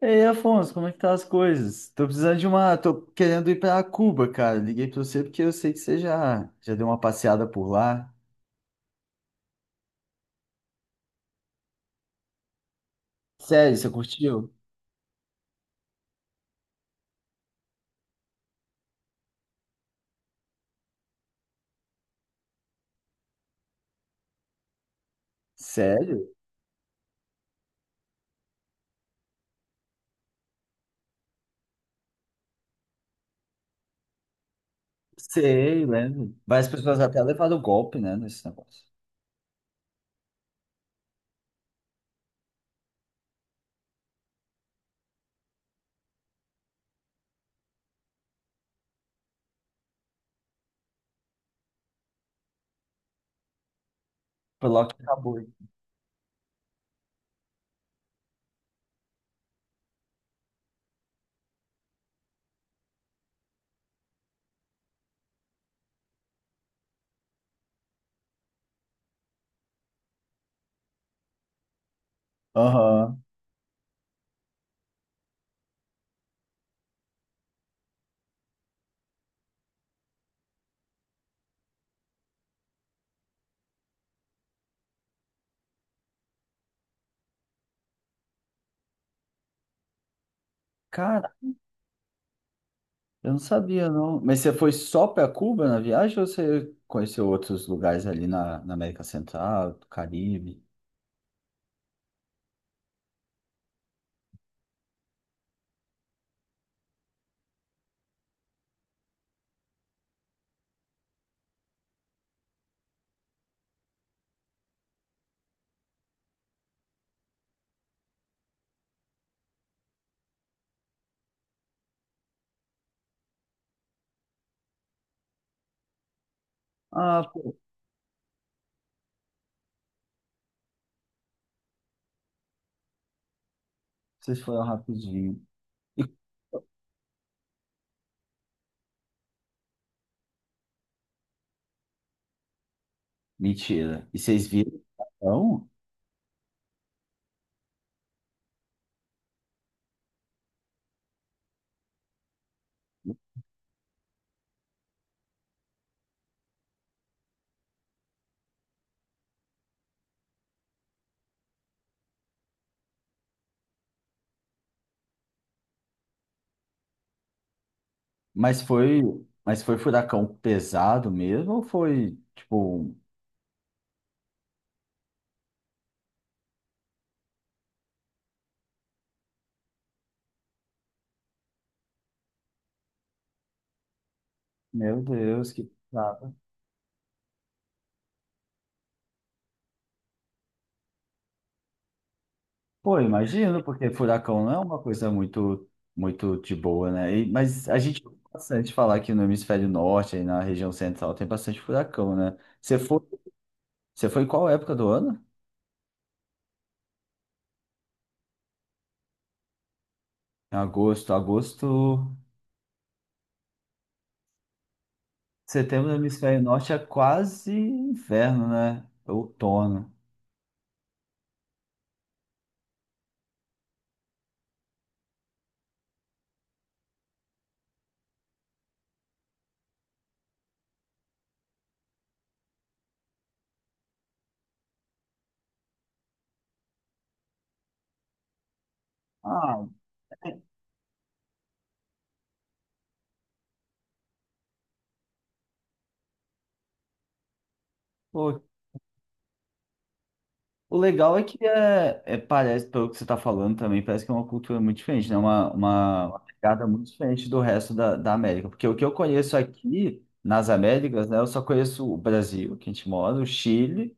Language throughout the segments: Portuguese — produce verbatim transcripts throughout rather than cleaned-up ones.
Ei, Afonso, como é que tá as coisas? Tô precisando de uma. Tô querendo ir pra Cuba, cara. Liguei pra você porque eu sei que você já, já deu uma passeada por lá. Sério, você curtiu? Sério? Sei, lembro. Várias pessoas até levaram golpe, né, nesse negócio. Foi logo que acabou, hein? Aham. Cara, eu não sabia, não. Mas você foi só pra Cuba na viagem ou você conheceu outros lugares ali na, na América Central, do Caribe? Ah, pô, vocês foram rapidinho. Mentira. E vocês viram, então? Mas foi, mas foi furacão pesado mesmo ou foi tipo, meu Deus, que pesado. Pô, imagino, porque furacão não é uma coisa muito muito de boa, né? E- mas a gente ouve bastante falar que no hemisfério norte, aí na região central, tem bastante furacão, né? Você foi, você foi em qual época do ano? Em agosto, agosto, setembro no hemisfério norte é quase inverno, né? Outono. Ah, é, pô, o legal é que é, é- parece, pelo que você está falando também, parece que é uma cultura muito diferente, né? Uma, uma, uma pegada muito diferente do resto da, da América. Porque o que eu conheço aqui nas Américas, né? Eu só conheço o Brasil, que a gente mora, o Chile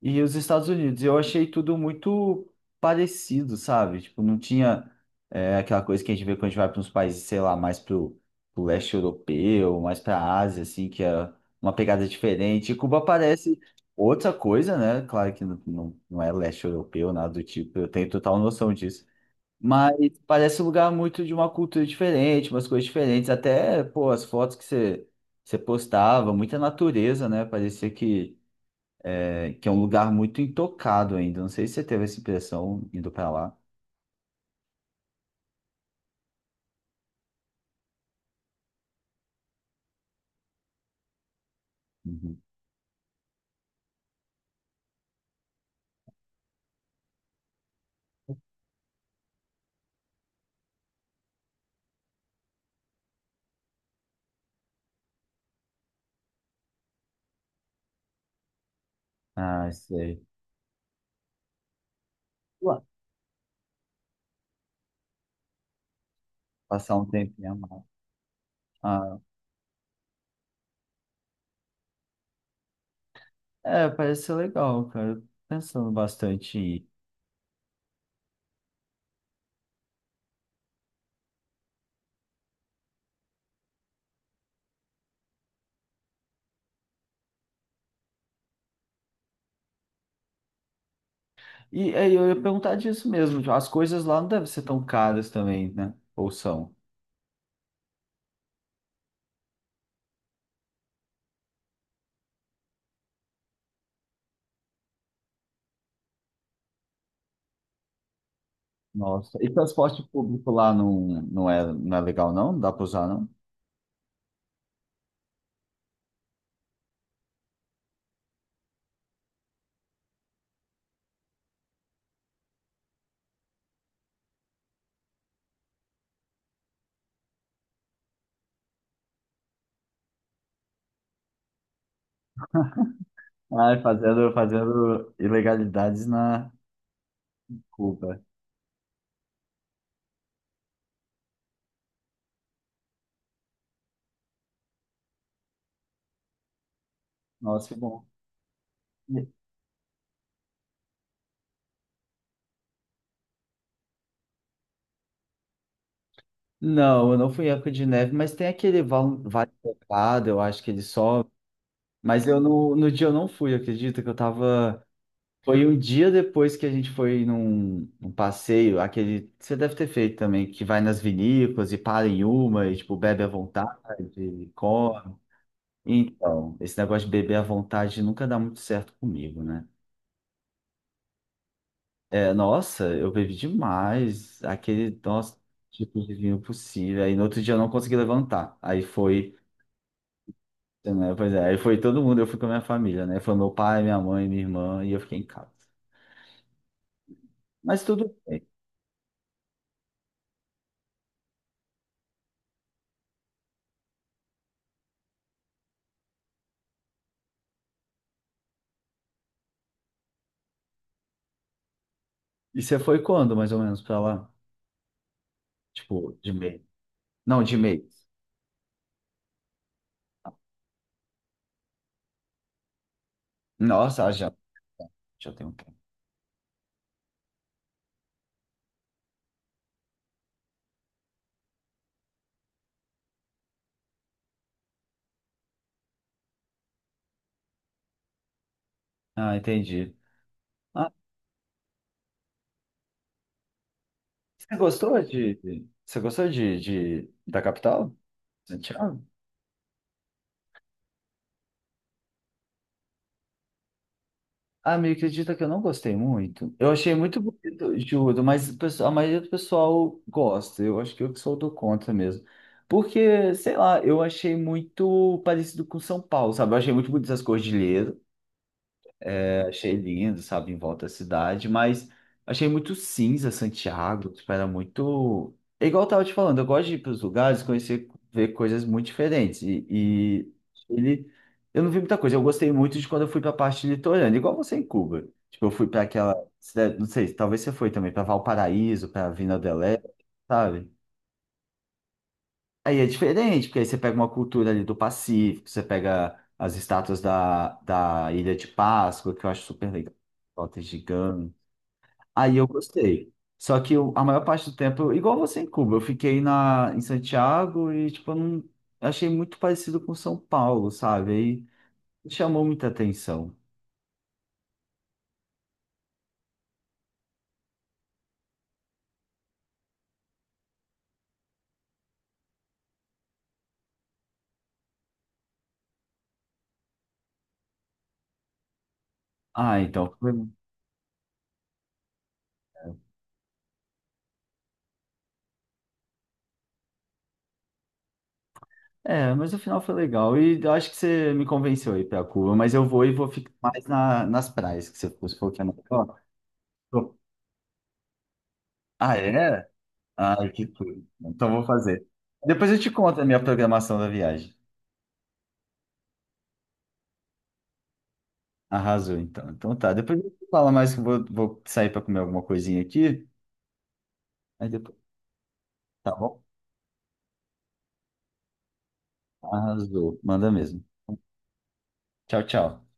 e os Estados Unidos. E Eu achei tudo muito parecido, sabe? Tipo, não tinha é, aquela coisa que a gente vê quando a gente vai para uns países, sei lá, mais pro, pro leste europeu, mais para a Ásia, assim, que é uma pegada diferente. E Cuba parece outra coisa, né? Claro que não, não, não é leste europeu, nada do tipo, eu tenho total noção disso. Mas parece um lugar muito de uma cultura diferente, umas coisas diferentes. Até, pô, as fotos que você, você postava, muita natureza, né? Parecia que é, que é um lugar muito intocado ainda. Não sei se você teve essa impressão indo para lá. Uhum. Ah, sei. Ué. Passar um tempinho a mais. Ah, é, parece ser legal, cara. Eu tô Pensando bastante em ir. E aí eu ia perguntar disso mesmo. Tipo, as coisas lá não devem ser tão caras também, né? Ou são? Nossa. E transporte público lá não, não é, não é legal, não? Não dá pra usar, não? Ah, fazendo, fazendo ilegalidades na Cuba. Nossa, que bom. Não, eu não fui em época de neve, mas tem aquele val- vale nevado, eu acho que ele sobe. Mas eu não, no dia eu não fui, acredita que eu tava. Foi um dia depois que a gente foi num, num passeio, aquele. Você deve ter feito também, que vai nas vinícolas e para em uma e, tipo, bebe à vontade, e come. Então, esse negócio de beber à vontade nunca dá muito certo comigo, né? É, nossa, eu bebi demais, aquele, nossa, tipo de vinho possível. Aí no outro dia eu não consegui levantar. Aí foi. Né? Pois é, aí foi todo mundo, eu fui com a minha família, né? Foi meu pai, minha mãe, minha irmã, e eu fiquei em casa. Mas tudo bem. E você foi quando, mais ou menos, pra lá? Tipo, de mês. Não, de mês. Nossa, ah, já, já tem um tempo. Ah, entendi. Ah, você gostou de. Você gostou de, de- da capital? Santiago? Ah, me acredita que eu não gostei muito. Eu achei muito bonito, juro, mas o pessoal- a maioria do pessoal gosta. Eu acho que eu que sou do contra mesmo. Porque, sei lá, eu achei muito parecido com São Paulo, sabe? Eu achei muito bonito as cordilheiras é, achei lindo, sabe, em volta da cidade, mas achei muito cinza Santiago, tipo, era muito. É igual eu tava te falando, eu gosto de ir para os lugares, conhecer, ver coisas muito diferentes. E, e ele, eu não vi muita coisa, eu gostei muito de quando eu fui para a parte litorânea, igual você em Cuba. Tipo, eu fui para aquela cidade, não sei, talvez você foi também, para Valparaíso, para Vina del Leste, sabe? Aí é diferente, porque aí você pega uma cultura ali do Pacífico, você pega as estátuas da, da Ilha de Páscoa, que eu acho super legal, totem gigante. Aí eu gostei. Só que eu- a maior parte do tempo, eu- igual você em Cuba, eu fiquei na, em Santiago e, tipo, eu não, eu achei muito parecido com São Paulo, sabe? Aí não chamou muita atenção. Ah, então. foi- É, mas o final foi legal. E eu acho que você me convenceu a ir pra Cuba, mas eu vou e vou ficar mais na, nas praias que você falou que é melhor. Ah, é? Ai, que tudo. Então vou fazer. Depois eu te conto a minha programação da viagem. Arrasou, então. Então tá. Depois eu te falo mais que eu vou, vou sair para comer alguma coisinha aqui. Aí depois, tá bom? Arrasou. Manda mesmo. Tchau, tchau.